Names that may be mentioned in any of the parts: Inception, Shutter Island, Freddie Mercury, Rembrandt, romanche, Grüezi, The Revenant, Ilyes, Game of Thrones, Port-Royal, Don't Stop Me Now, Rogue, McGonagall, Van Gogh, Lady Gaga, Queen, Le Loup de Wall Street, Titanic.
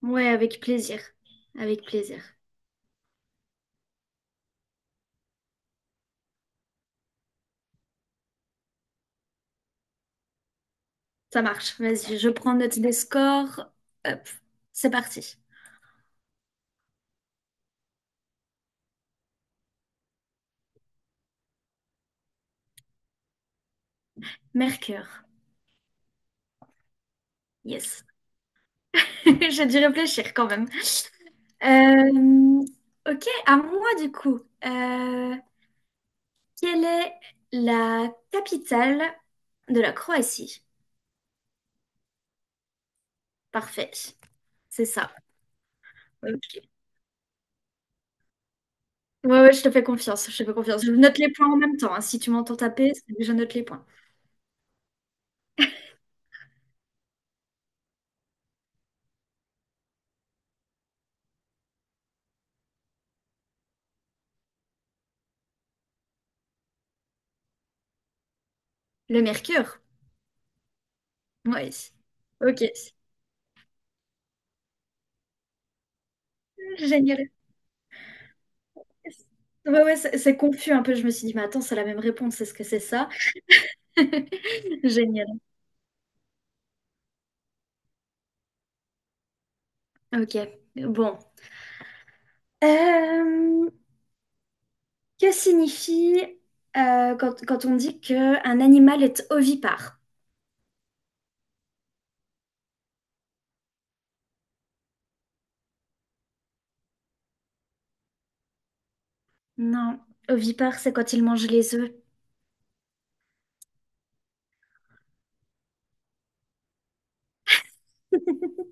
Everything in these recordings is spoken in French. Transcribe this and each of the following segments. Ouais, avec plaisir. Avec plaisir. Ça marche. Vas-y, je prends note des scores. Hop, c'est parti. Mercure. Yes. J'ai dû réfléchir quand même. Euh, ok, à moi du coup. Euh, Quelle est la capitale de la Croatie? Parfait. C'est ça. Ok. Ouais, ouais, je te fais confiance. Je te fais confiance. Je note les points en même temps, hein. Si tu m'entends taper, c'est que je note les points. Le Mercure? Oui. Ok. Génial. Ouais, ouais, c'est confus un peu. Je me suis dit, mais attends, c'est la même réponse, est-ce que c'est ça? Génial. Ok, bon. Euh, que signifie quand on dit qu'un animal est ovipare? Non, ovipare, c'est quand il mange les œufs.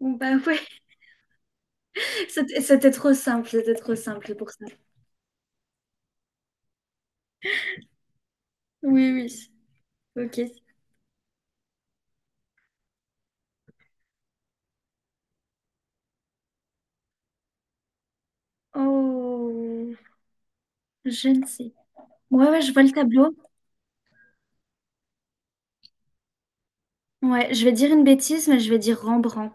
Bon, bah ouais, c'était trop simple, c'était trop simple pour ça. Oui, oui, ok. Oh, je ne sais. Ouais, ouais, je vois le tableau. Ouais, je vais dire une bêtise, mais je vais dire Rembrandt.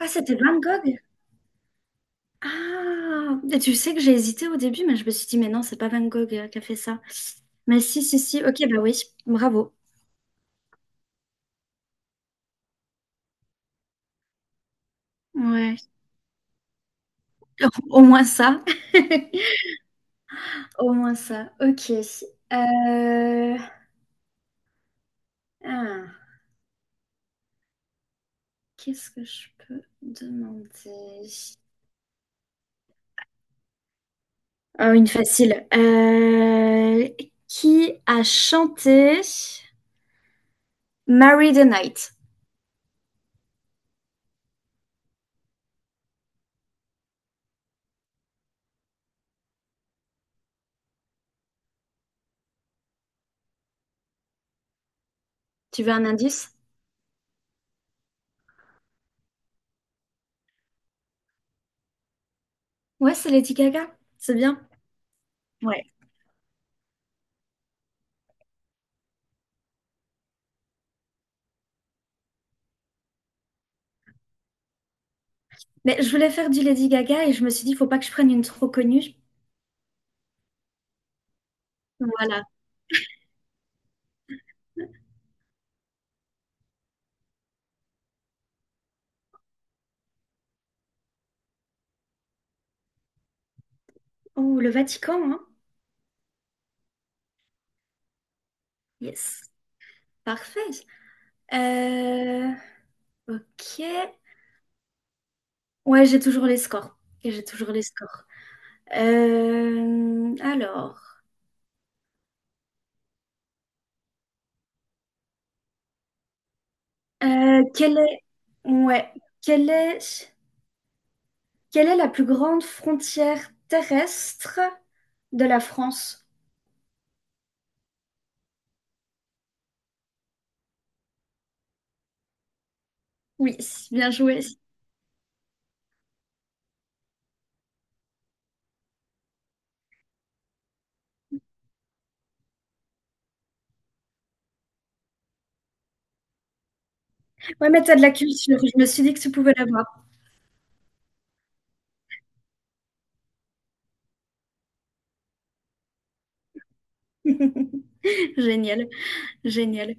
Ah, c'était Van Gogh? Ah, et tu sais que j'ai hésité au début, mais je me suis dit, mais non, c'est pas Van Gogh qui a fait ça. Mais si, si, si, ok, bah oui, bravo. Ouais, au moins ça. Au moins ça, ok. Euh, ah, Qu'est-ce que je peux demander? Oh, une facile. Qui a chanté Marry the Night? Tu veux un indice? Ouais, c'est Lady Gaga. C'est bien. Ouais. Mais je voulais faire du Lady Gaga et je me suis dit, faut pas que je prenne une trop connue. Voilà. Oh, le Vatican, hein? Yes. Parfait. Euh, ok. Ouais, j'ai toujours les scores. Et j'ai toujours les scores. Euh, alors, euh, quelle est, ouais, quelle est, quelle est la plus grande frontière terrestre de la France? Oui, bien joué. Ouais, mais t'as de la culture. Je me suis dit que tu pouvais l'avoir. Génial, génial.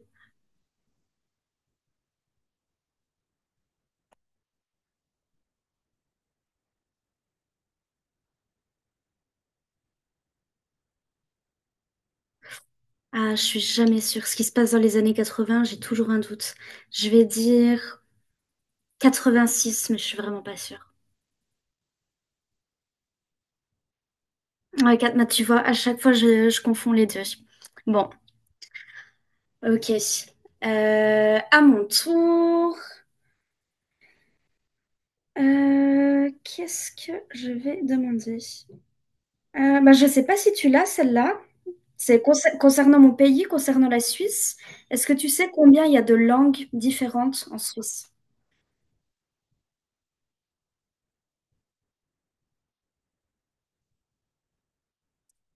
Ah, je suis jamais sûre. Ce qui se passe dans les années 80, j'ai toujours un doute. Je vais dire 86, mais je suis vraiment pas sûre. Ouais, quatre- bah, tu vois, à chaque fois, je confonds les deux. Bon, ok. À mon tour, qu'est-ce que je vais demander? Je sais pas si tu l'as, celle-là. C'est concer- concernant mon pays, concernant la Suisse. Est-ce que tu sais combien il y a de langues différentes en Suisse?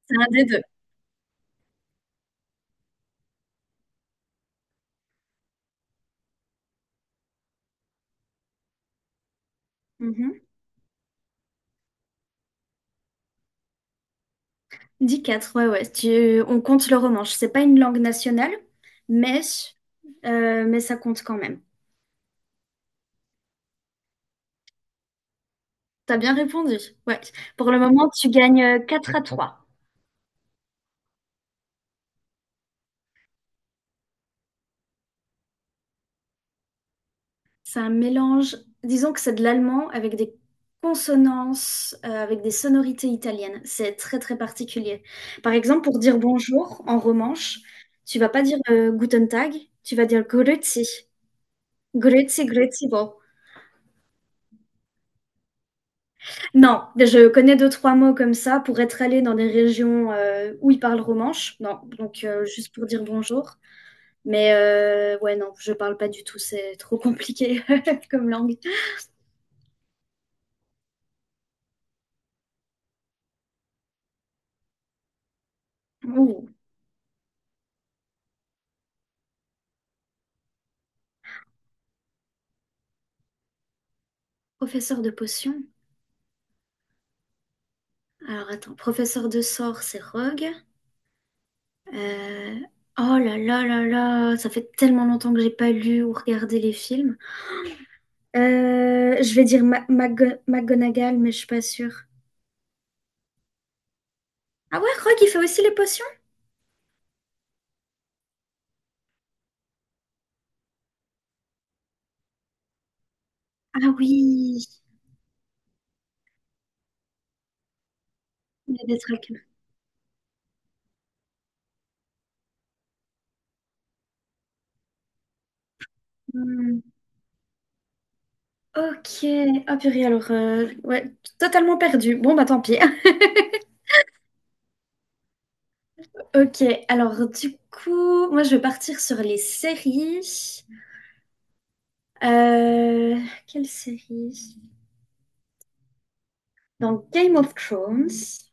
C'est un des deux. Dix quatre. Ouais, ouais. Tu- on compte le romanche. C'est pas une langue nationale, mais, mais ça compte quand même. T'as bien répondu. Ouais. Pour le moment, tu gagnes 4 à trois. C'est un mélange, disons que c'est de l'allemand avec des consonances, avec des sonorités italiennes. C'est très, très particulier. Par exemple, pour dire bonjour en romanche, tu vas pas dire Guten Tag, tu vas dire Grüezi. Grüezi, Grüezi, bon. Non, je connais deux, trois mots comme ça pour être allée dans des régions où ils parlent romanche. Non, donc juste pour dire bonjour. Mais ouais, non, je parle pas du tout, c'est trop compliqué comme langue. Ouh, professeur de potions. Alors attends, professeur de sort, c'est Rogue. Euh, Oh là là là là, ça fait tellement longtemps que j'ai pas lu ou regardé les films. Je vais dire Ma- Mago- McGonagall, mais je suis pas sûre. Ah ouais, Rogue, il fait aussi les potions? Ah oui, il y a des trucs. Hmm, Ok. Ah purée, alors, ouais, totalement perdu. Bon, bah tant pis. Ok, alors du coup, moi je vais partir sur les séries. Euh, Quelle série? Donc Game of Thrones.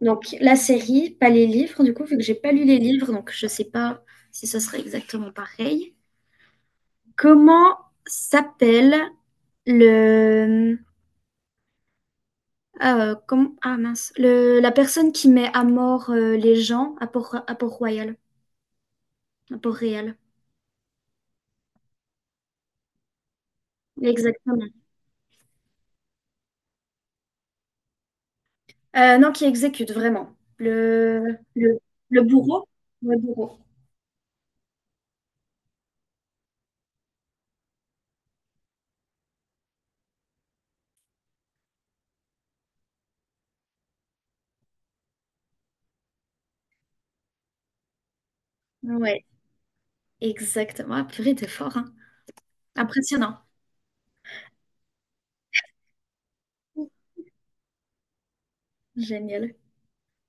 Donc la série, pas les livres, du coup, vu que j'ai pas lu les livres, donc je sais pas si ce serait exactement pareil. Comment s'appelle le... Ah, comment... ah mince, le... la personne qui met à mort les gens à Port... à Port-Royal? Pour réel. Exactement. Non, qui exécute vraiment. Le bourreau. Le bourreau. Ouais, exactement. Ah, purée, t'es fort, hein. Impressionnant. Génial.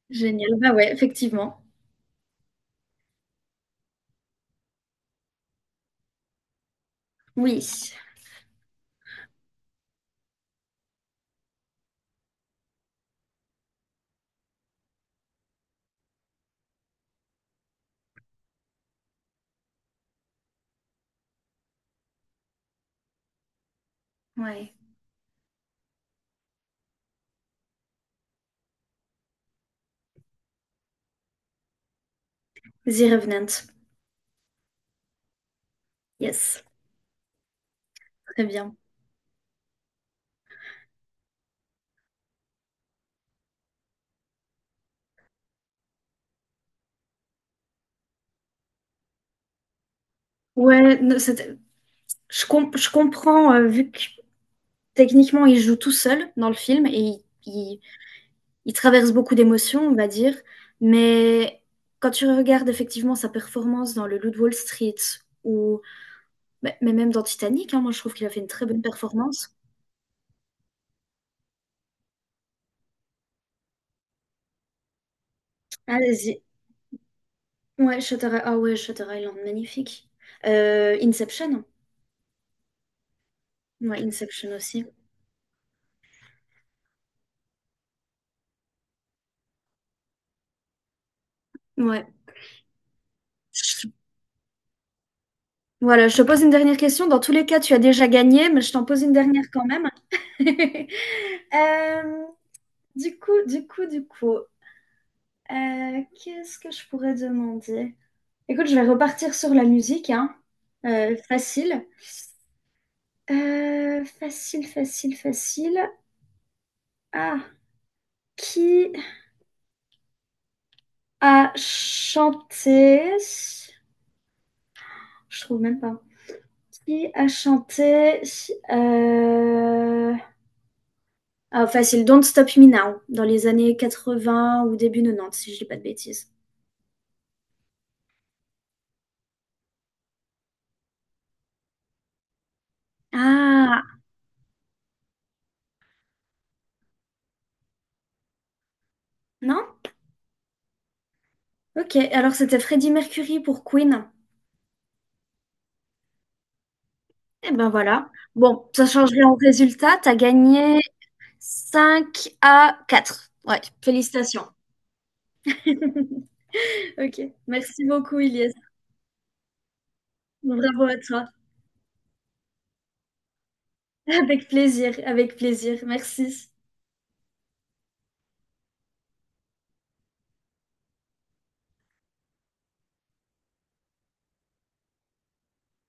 Génial. Bah ouais, effectivement. Oui. Ouais. The Revenant. Yes. Très bien. Ouais, ne- c'était- je comprends, vu que techniquement, il joue tout seul dans le film et il traverse beaucoup d'émotions, on va dire, mais quand tu regardes effectivement sa performance dans Le Loup de Wall Street ou mais même dans Titanic, hein, moi je trouve qu'il a fait une très bonne performance. Allez-y. Ouais, Shutter Island. Ah ouais, Shutter Island, magnifique. Inception. Ouais, Inception aussi. Ouais. Voilà, je te pose une dernière question. Dans tous les cas, tu as déjà gagné, mais je t'en pose une dernière quand même. Euh, du coup, qu'est-ce que je pourrais demander? Écoute, je vais repartir sur la musique, hein. Facile. Facile. Ah, qui a chanté? Je trouve même pas. Qui a chanté? euh, Ah, facile. Don't Stop Me Now, dans les années 80 ou début 90, si je dis pas de bêtises. Ah, non? Ok, alors c'était Freddie Mercury pour Queen. Eh ben voilà. Bon, ça change rien au résultat. T'as gagné cinq à 4. Ouais, félicitations. Ok, merci beaucoup Ilyes. Bravo à toi. Avec plaisir, avec plaisir. Merci.